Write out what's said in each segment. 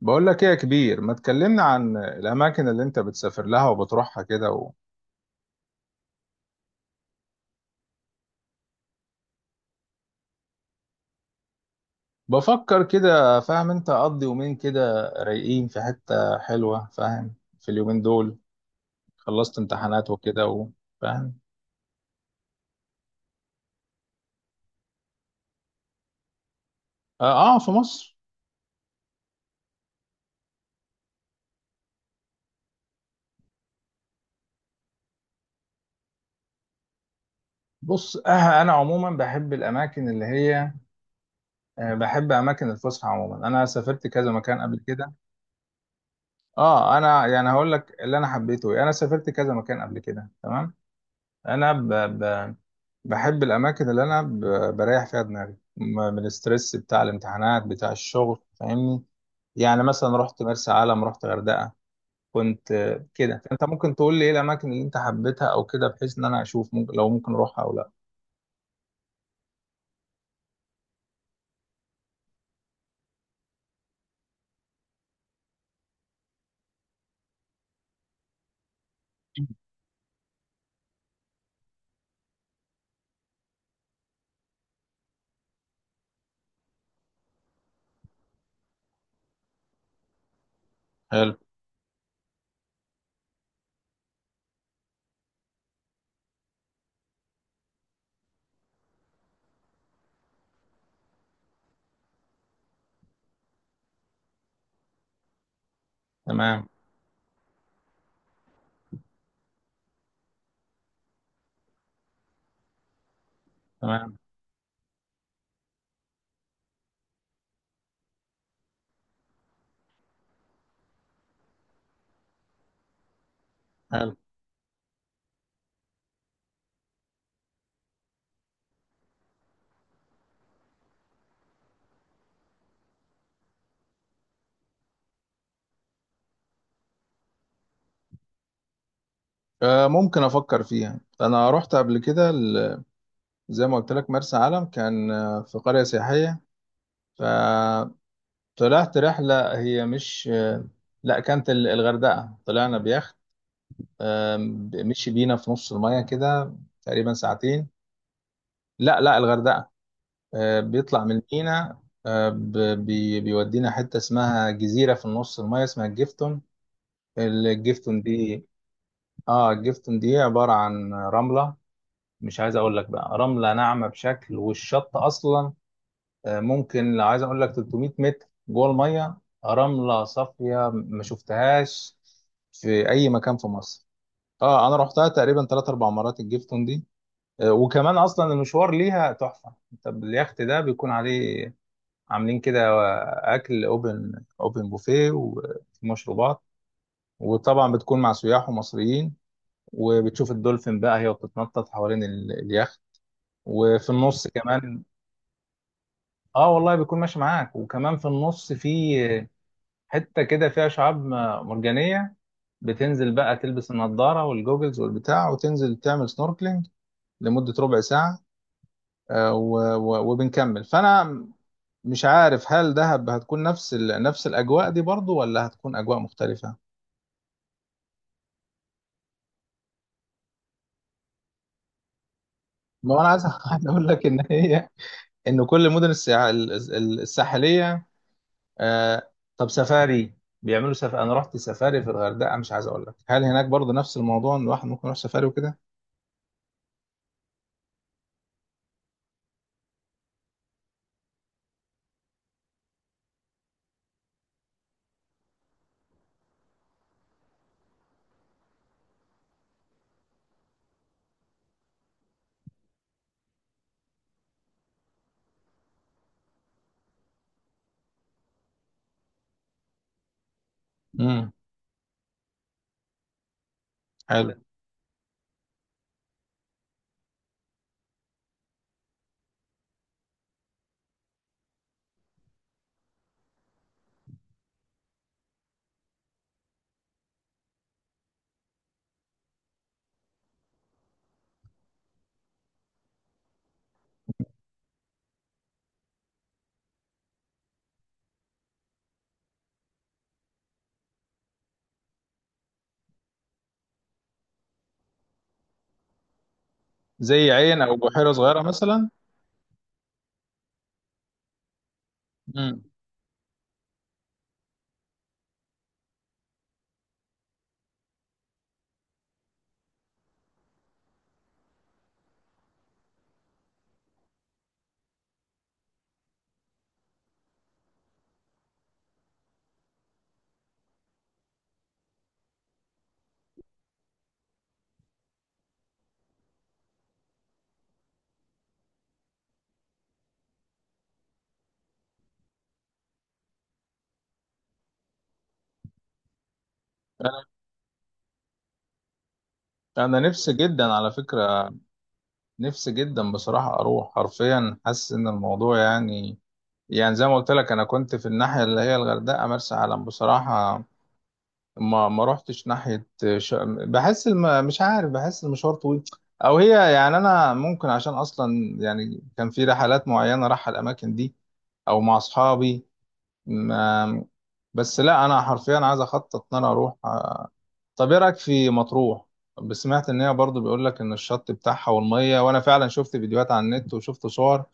بقول لك ايه يا كبير، ما تكلمنا عن الاماكن اللي انت بتسافر لها وبتروحها كده بفكر كده. فاهم؟ انت اقضي يومين كده رايقين في حتة حلوة. فاهم؟ في اليومين دول خلصت امتحانات وكده فاهم. اه, آه، في مصر. بص، آه انا عموما بحب الاماكن اللي هي آه، بحب اماكن الفسحة. عموما انا سافرت كذا مكان قبل كده. اه، انا يعني هقول لك اللي انا حبيته إيه. انا سافرت كذا مكان قبل كده، تمام. انا ب... ب... بحب الأماكن اللي أنا بريح فيها دماغي من الستريس بتاع الامتحانات، بتاع الشغل. فاهمني؟ يعني مثلا رحت مرسى علم، رحت غردقة. كنت آه، كده. فأنت ممكن تقول لي إيه الأماكن اللي أنت حبيتها أو كده، بحيث إن أنا أشوف ممكن لو ممكن أروحها أو لا. حلو. تمام. تمام. حلو. آه، ممكن أفكر فيها. أنا رحت قبل كده زي ما قلت لك مرسى علم، كان آه، في قرية سياحية فطلعت رحلة. هي مش لا، كانت الغردقة. طلعنا بيخت، مشي بينا في نص المية كده تقريبا ساعتين. لا لا، الغردقة. آه، بيطلع من المينا. آه، ب- بيودينا حتة اسمها جزيرة في النص المية، اسمها الجيفتون. الجيفتون دي، اه الجيفتون دي عبارة عن رملة. مش عايز اقول لك، بقى رملة ناعمة بشكل. والشط اصلا آه، ممكن لو عايز اقول لك 300 متر جوه المية. رملة صافية ما شفتهاش في اي مكان في مصر. اه، انا رحتها تقريبا 3 4 مرات الجيفتون دي. وكمان اصلا المشوار ليها تحفه. انت اليخت ده بيكون عليه عاملين كده اكل، اوبن بوفيه، ومشروبات. وطبعا بتكون مع سياح ومصريين، وبتشوف الدولفين بقى هي بتتنطط حوالين اليخت. وفي النص كمان، اه والله بيكون ماشي معاك. وكمان في النص في حته كده فيها شعاب مرجانيه. بتنزل بقى تلبس النضاره والجوجلز والبتاع، وتنزل تعمل سنوركلينج لمده ربع ساعه. آه، و- و- وبنكمل. فانا مش عارف هل دهب هتكون نفس نفس الاجواء دي برضو، ولا هتكون اجواء مختلفه. ما هو انا عايز، عايز اقول لك ان هي، ان كل الساحليه، آه... طب سفاري، انا رحت سفاري في الغردقه، مش عايز اقول لك هل هناك برضو نفس الموضوع، ان الواحد ممكن يروح سفاري وكده. امم. حلو. زي عين او بحيره صغيره مثلا. امم. انا نفسي جدا على فكره. نفسي جدا بصراحة أروح. حرفيا حاسس إن الموضوع يعني، يعني زي ما قلت لك أنا كنت في الناحية اللي هي الغردقة، مرسى علم. بصراحة ما رحتش ناحية ش... بحس مش عارف، بحس المشوار طويل. أو هي يعني، أنا ممكن عشان أصلا يعني كان في رحلات معينة رايحة الأماكن دي، أو مع أصحابي. ما... بس لا، أنا حرفيا عايز أخطط إن أنا أروح. طب ايه رايك في مطروح؟ بس سمعت ان هي برضو بيقول لك ان الشط بتاعها والميه. وانا فعلا شفت فيديوهات على النت وشفت صور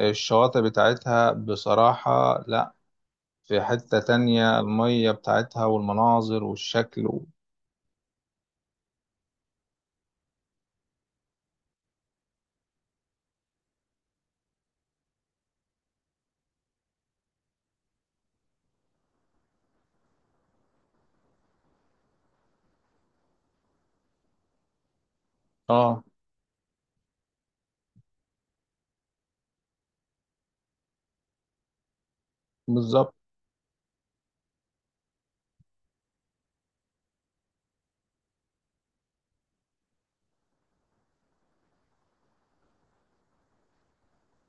الشواطئ بتاعتها. بصراحه لا، في حته تانية الميه بتاعتها والمناظر والشكل اه بالظبط.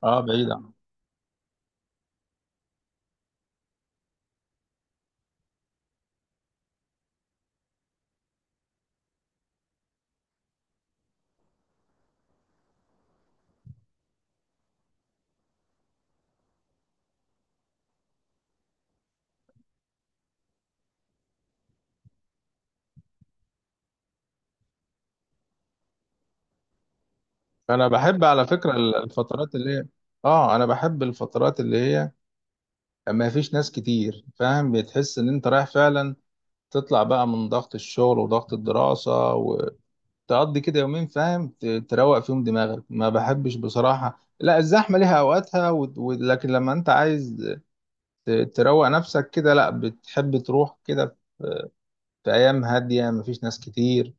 اه بعيده. انا بحب على فكره الفترات اللي هي، اه انا بحب الفترات اللي هي ما فيش ناس كتير. فاهم؟ بتحس ان انت رايح فعلا تطلع بقى من ضغط الشغل وضغط الدراسه، تقضي كده يومين فاهم تروق فيهم دماغك. ما بحبش بصراحة، لا، الزحمة ليها أوقاتها لكن لما أنت عايز ت- تروق نفسك كده، لا، بتحب تروح كده في أيام هادية مفيش ناس كتير.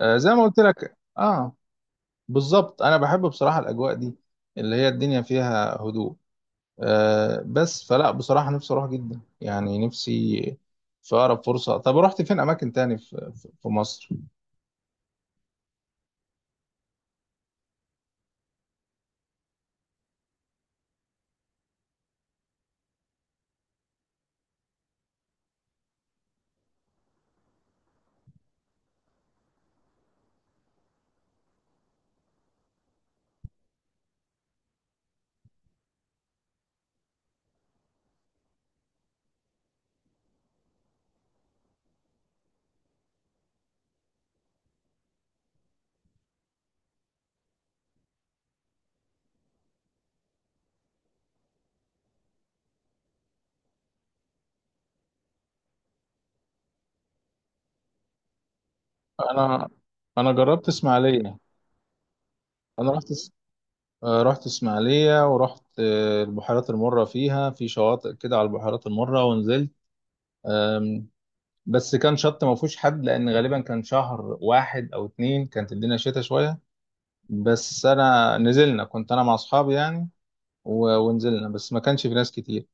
آه زي ما قلت لك، آه بالظبط، أنا بحب بصراحة الأجواء دي اللي هي الدنيا فيها هدوء. آه، بس فلا بصراحة نفسي أروح جدا. يعني نفسي في أقرب فرصة. طب رحت فين أماكن تاني في في مصر؟ أنا، أنا جربت إسماعيلية. أنا رحت آه، رحت اسماعيلية، ورحت آه، البحيرات المرة. فيها في شواطئ كده على البحيرات المرة، ونزلت آم، بس كان شط ما فيهوش حد، لأن غالبا كان شهر واحد أو اتنين، كانت الدنيا شتا شوية. بس أنا نزلنا، كنت أنا مع أصحابي يعني، و- ونزلنا بس ما كانش في ناس كتير.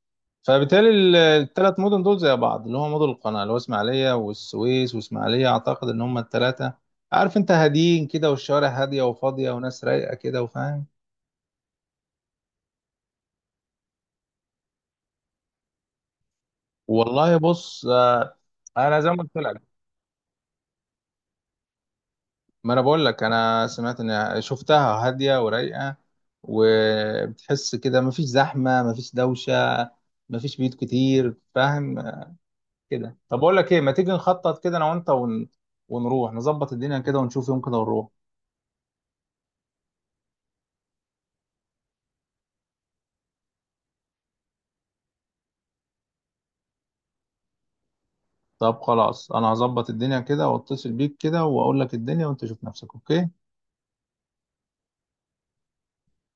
فبالتالي التلات مدن دول زي بعض، اللي هو مدن القناة، اللي هو اسماعيلية والسويس واسماعيلية، أعتقد إن هما التلاتة. عارف أنت، هاديين كده، والشوارع هادية وفاضية، وناس رايقة كده وفاهم. والله بص آه، انا زي ما قلت لك، ما انا بقول لك انا سمعت، ان شفتها هاديه ورايقه، وبتحس كده مفيش زحمه، مفيش دوشه، مفيش بيوت كتير. فاهم كده؟ طب اقول لك ايه، ما تيجي نخطط كده انا وانت ونروح نظبط الدنيا كده، ونشوف يوم كده ونروح. طب خلاص، انا هظبط الدنيا كده واتصل بيك كده، واقول لك الدنيا وانت شوف نفسك. اوكي؟